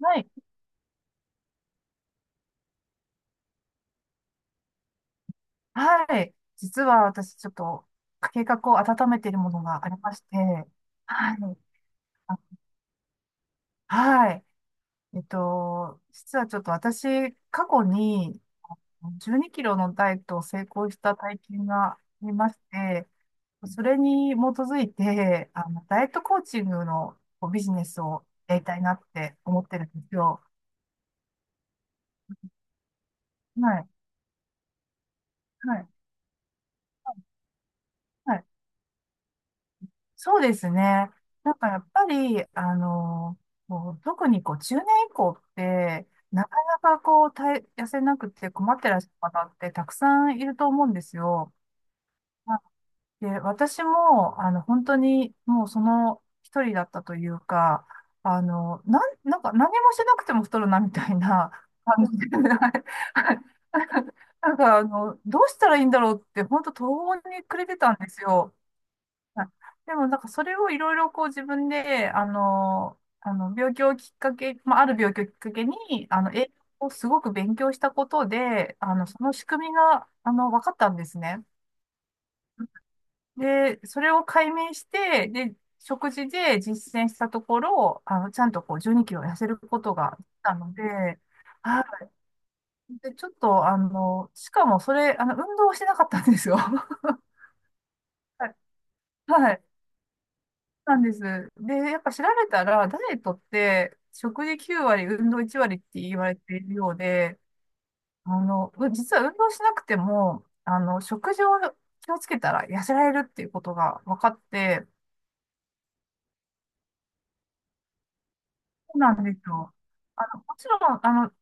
はい。はい。実は私、ちょっと、計画を温めているものがありまして、はい。あはい。実はちょっと私、過去に12キロのダイエットを成功した体験がありまして、それに基づいて、ダイエットコーチングのこうビジネスをやりたいなって思ってるんですよ。はい。はい。はい、そうですね。なんかやっぱり、こう特にこう中年以降って、なかこう体、痩せなくて困ってらっしゃる方ってたくさんいると思うんですよ。まあ、で、私も、本当にもうその一人だったというか、なんか何もしなくても太るなみたいな感じで、なんかどうしたらいいんだろうって、本当途方に暮れてたんですよ。はい。でも、なんかそれをいろいろこう自分で、あの病気をきっかけ、まあ、ある病気をきっかけに、栄養をすごく勉強したことで、その仕組みが、分かったんですね。で、それを解明して、で、食事で実践したところ、ちゃんとこう12キロ痩せることができたので、はい。で、ちょっと、しかもそれ、運動をしてなかったんですよ。はい。なんです。で、やっぱ調べたら、ダイエットって食事9割、運動1割って言われているようで、実は運動しなくても、食事を気をつけたら痩せられるっていうことが分かって、そうなんですよ。もちろん、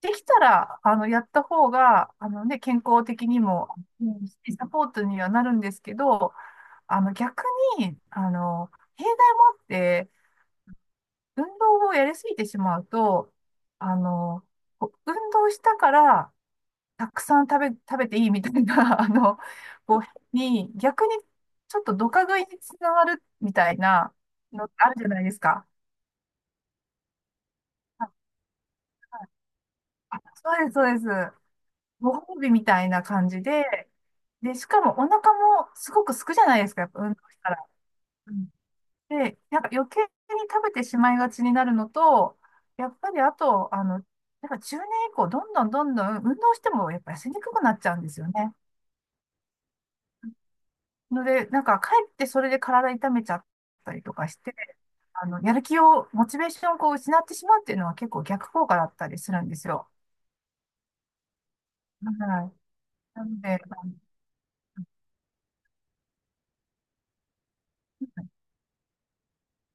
できたら、やった方が、あのね、健康的にも、うん、サポートにはなるんですけど、逆に、弊害もあって、運動をやりすぎてしまうと、あの、こう運動したから、たくさん食べ、食べていいみたいな、逆に、ちょっとドカ食いにつながるみたいなのってあるじゃないですか。あ、あそうです、そうです。ご褒美みたいな感じで、で、しかもお腹もすごくすくじゃないですか、やっぱ運動したら。で、なんか余計に食べてしまいがちになるのと、やっぱりあと、やっぱ中年以降、どんどんどんどん運動してもやっぱ痩せにくくなっちゃうんですよね。ので、なんかかえってそれで体痛めちゃったりとかして、やる気を、モチベーションをこう失ってしまうっていうのは結構逆効果だったりするんですよ。はい。なので、はい、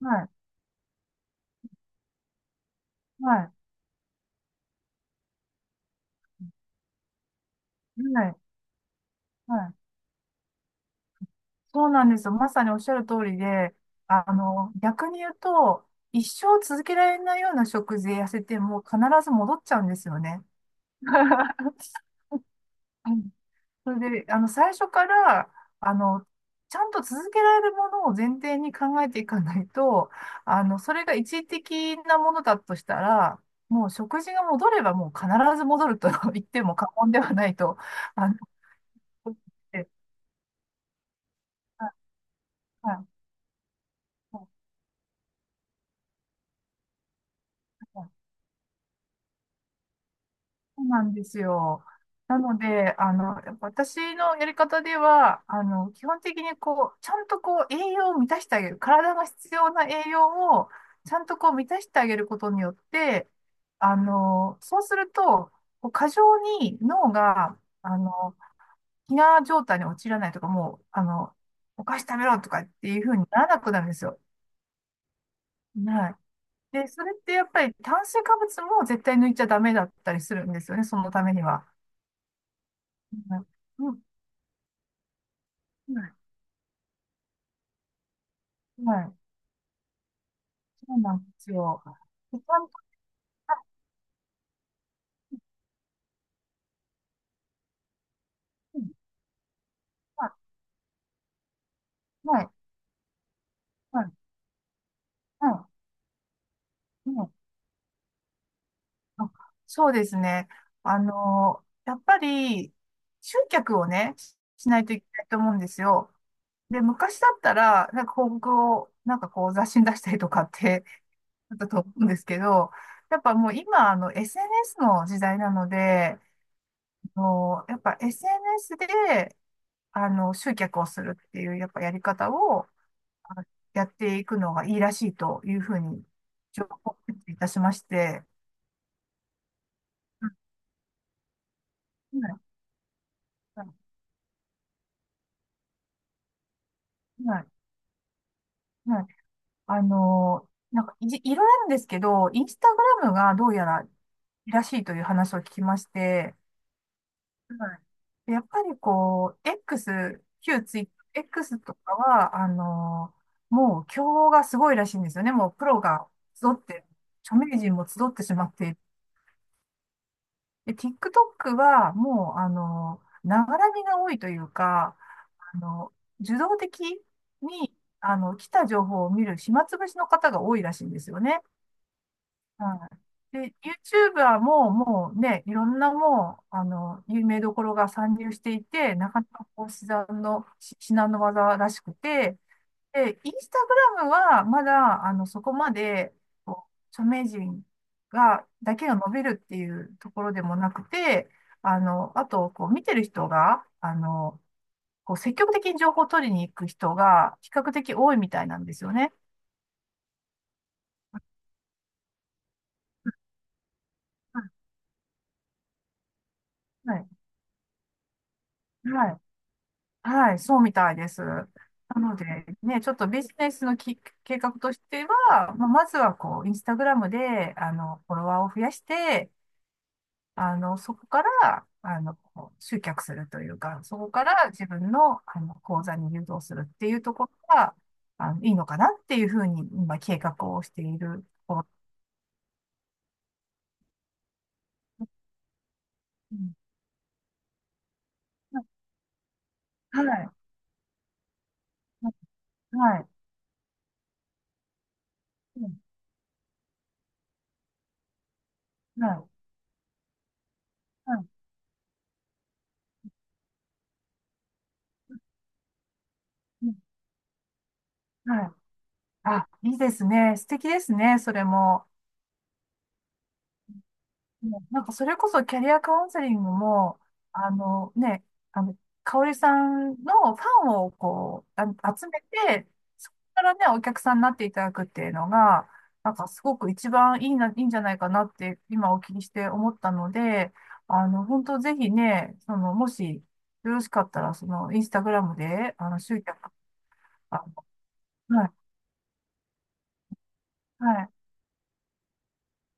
はい、はい、はい。そうなんですよ。まさにおっしゃる通りで、逆に言うと、一生続けられないような食事で痩せても必ず戻っちゃうんですよね。うん、それで、最初から、あの、ちゃんと続けられるものを前提に考えていかないと、それが一時的なものだとしたら、もう食事が戻ればもう必ず戻ると 言っても過言ではないと、あの、思って、はい、はい、そうなんですよ。なので、やっぱ私のやり方では、基本的にこう、ちゃんとこう、栄養を満たしてあげる。体が必要な栄養を、ちゃんとこう、満たしてあげることによって、そうすると、こう過剰に脳が、あの、飢餓状態に陥らないとか、もう、お菓子食べろとかっていう風にならなくなるんですよ。はい。で、それってやっぱり炭水化物も絶対抜いちゃダメだったりするんですよね、そのためには。はい、うん、はい、はい、そうなんですよ。でちゃんと、はい、はい、はい、はい、はい、はい、あ、そうですね。やっぱり、集客をね、しないといけないと思うんですよ。で、昔だったら、なんか広告を、なんかこう雑誌に出したりとかって、だったと思うんですけど、やっぱもう今、SNS の時代なので、やっぱ SNS で、集客をするっていう、やっぱやり方を、やっていくのがいいらしいというふうに、情報いたしまして、うん、はい、はい、はい、はい、あの、なんかいじ、いろいろあるんですけど、インスタグラムがどうやらいいらしいという話を聞きまして、はい。でやっぱりこう、X、旧ツイ、X とかは、もう競合がすごいらしいんですよね。もうプロが集って、著名人も集ってしまってい、で、TikTok はもう、ながらみが多いというか、あの、受動的に、来た情報を見る暇つぶしの方が多いらしいんですよね。はい。で、YouTuber ももうね、いろんなもう、有名どころが参入していて、なかなかこう、至難の技らしくて、で、インスタグラムはまだ、そこまで、こう、著名人が、だけが伸びるっていうところでもなくて、あと、こう、見てる人が、こう、積極的に情報を取りに行く人が、比較的多いみたいなんですよね。はい。はい。はい。そうみたいです。なので、ね、ちょっとビジネスのき、計画としては、まあ、まずは、こう、インスタグラムで、フォロワーを増やして、そこから、集客するというか、そこから自分の、講座に誘導するっていうところが、いいのかなっていうふうに、今、計画をしているところ。うん、はい。はい。うん、はい。はい。うん、はい、あ、いいですね。素敵ですね。それも。もうなんかそれこそキャリアカウンセリングも、あのね、あの、香織さんのファンをこう、集めて、そこからね、お客さんになっていただくっていうのが、なんかすごく一番いいな、いいんじゃないかなって今お聞きして思ったので、本当ぜひね、その、もしよろしかったら、その、インスタグラムで、集客、あはい、はい。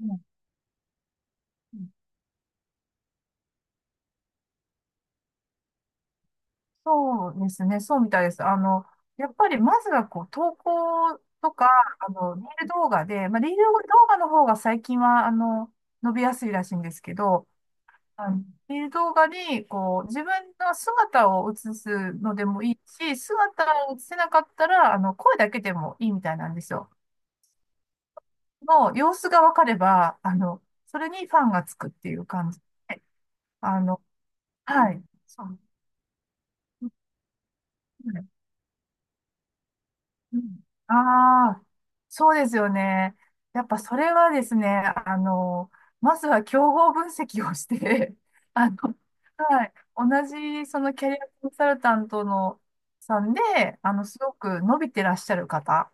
うん、そうですね。そうみたいです。やっぱりまずはこう、投稿とか、リール動画で、まあ、リール動画の方が最近は、伸びやすいらしいんですけど、リール動画に、こう、自分の姿を映すのでもいいし、姿を映せなかったら、声だけでもいいみたいなんですよ。の様子がわかれば、それにファンがつくっていう感じで、あの、はい。そう。うん、ああ、そうですよね。やっぱそれはですね、あの、まずは競合分析をして、あの、はい、同じそのキャリアコンサルタントのさんで、すごく伸びてらっしゃる方、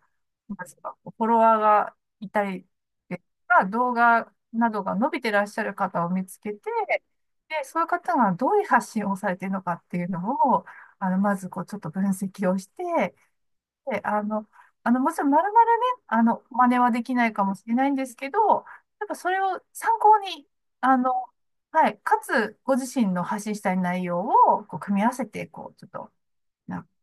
まずはフォロワーがいたりですとか、動画などが伸びてらっしゃる方を見つけて、で、そういう方がどういう発信をされているのかっていうのを、まずこう、ちょっと分析をして、あのもちろんまるまるね、あの真似はできないかもしれないんですけど、やっぱそれを参考に、あのはい、かつご自身の発信したい内容をこう組み合わせてこうちょっと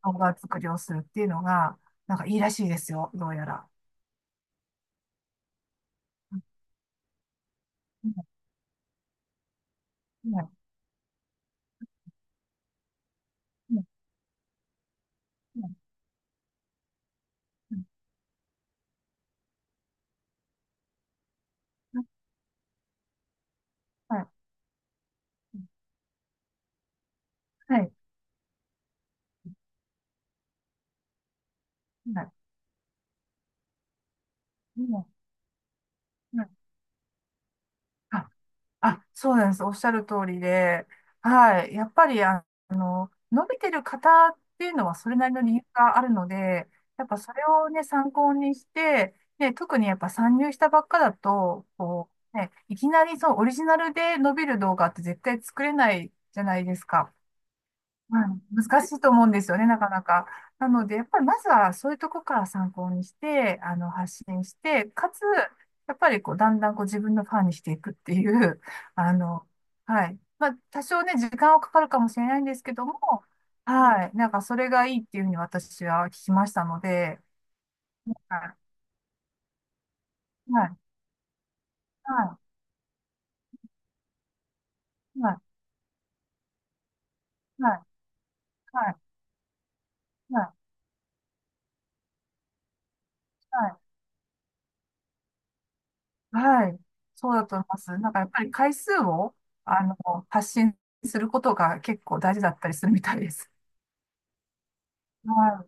動画作成をするっていうのがなんかいいらしいですよ、どうやら。はい、はい、はい、はい、はい、はい、はい、はい。あ、そうなんです。おっしゃる通りで、はい。やっぱり、伸びてる方っていうのはそれなりの理由があるので、やっぱそれをね、参考にして、ね、特にやっぱ参入したばっかだと、こう、ね、いきなりそう、オリジナルで伸びる動画って絶対作れないじゃないですか。はい、難しいと思うんですよね、なかなか。なので、やっぱりまずはそういうとこから参考にして、発信して、かつ、やっぱりこう、だんだんこう自分のファンにしていくっていう、あの、はい。まあ、多少ね、時間はかかるかもしれないんですけども、はい。なんか、それがいいっていうふうに私は聞きましたので、はい。はい。はい。はい。はい。はい。はい。はい。はい。そうだと思います。なんかやっぱり回数を、あの、発信することが結構大事だったりするみたいです。はい。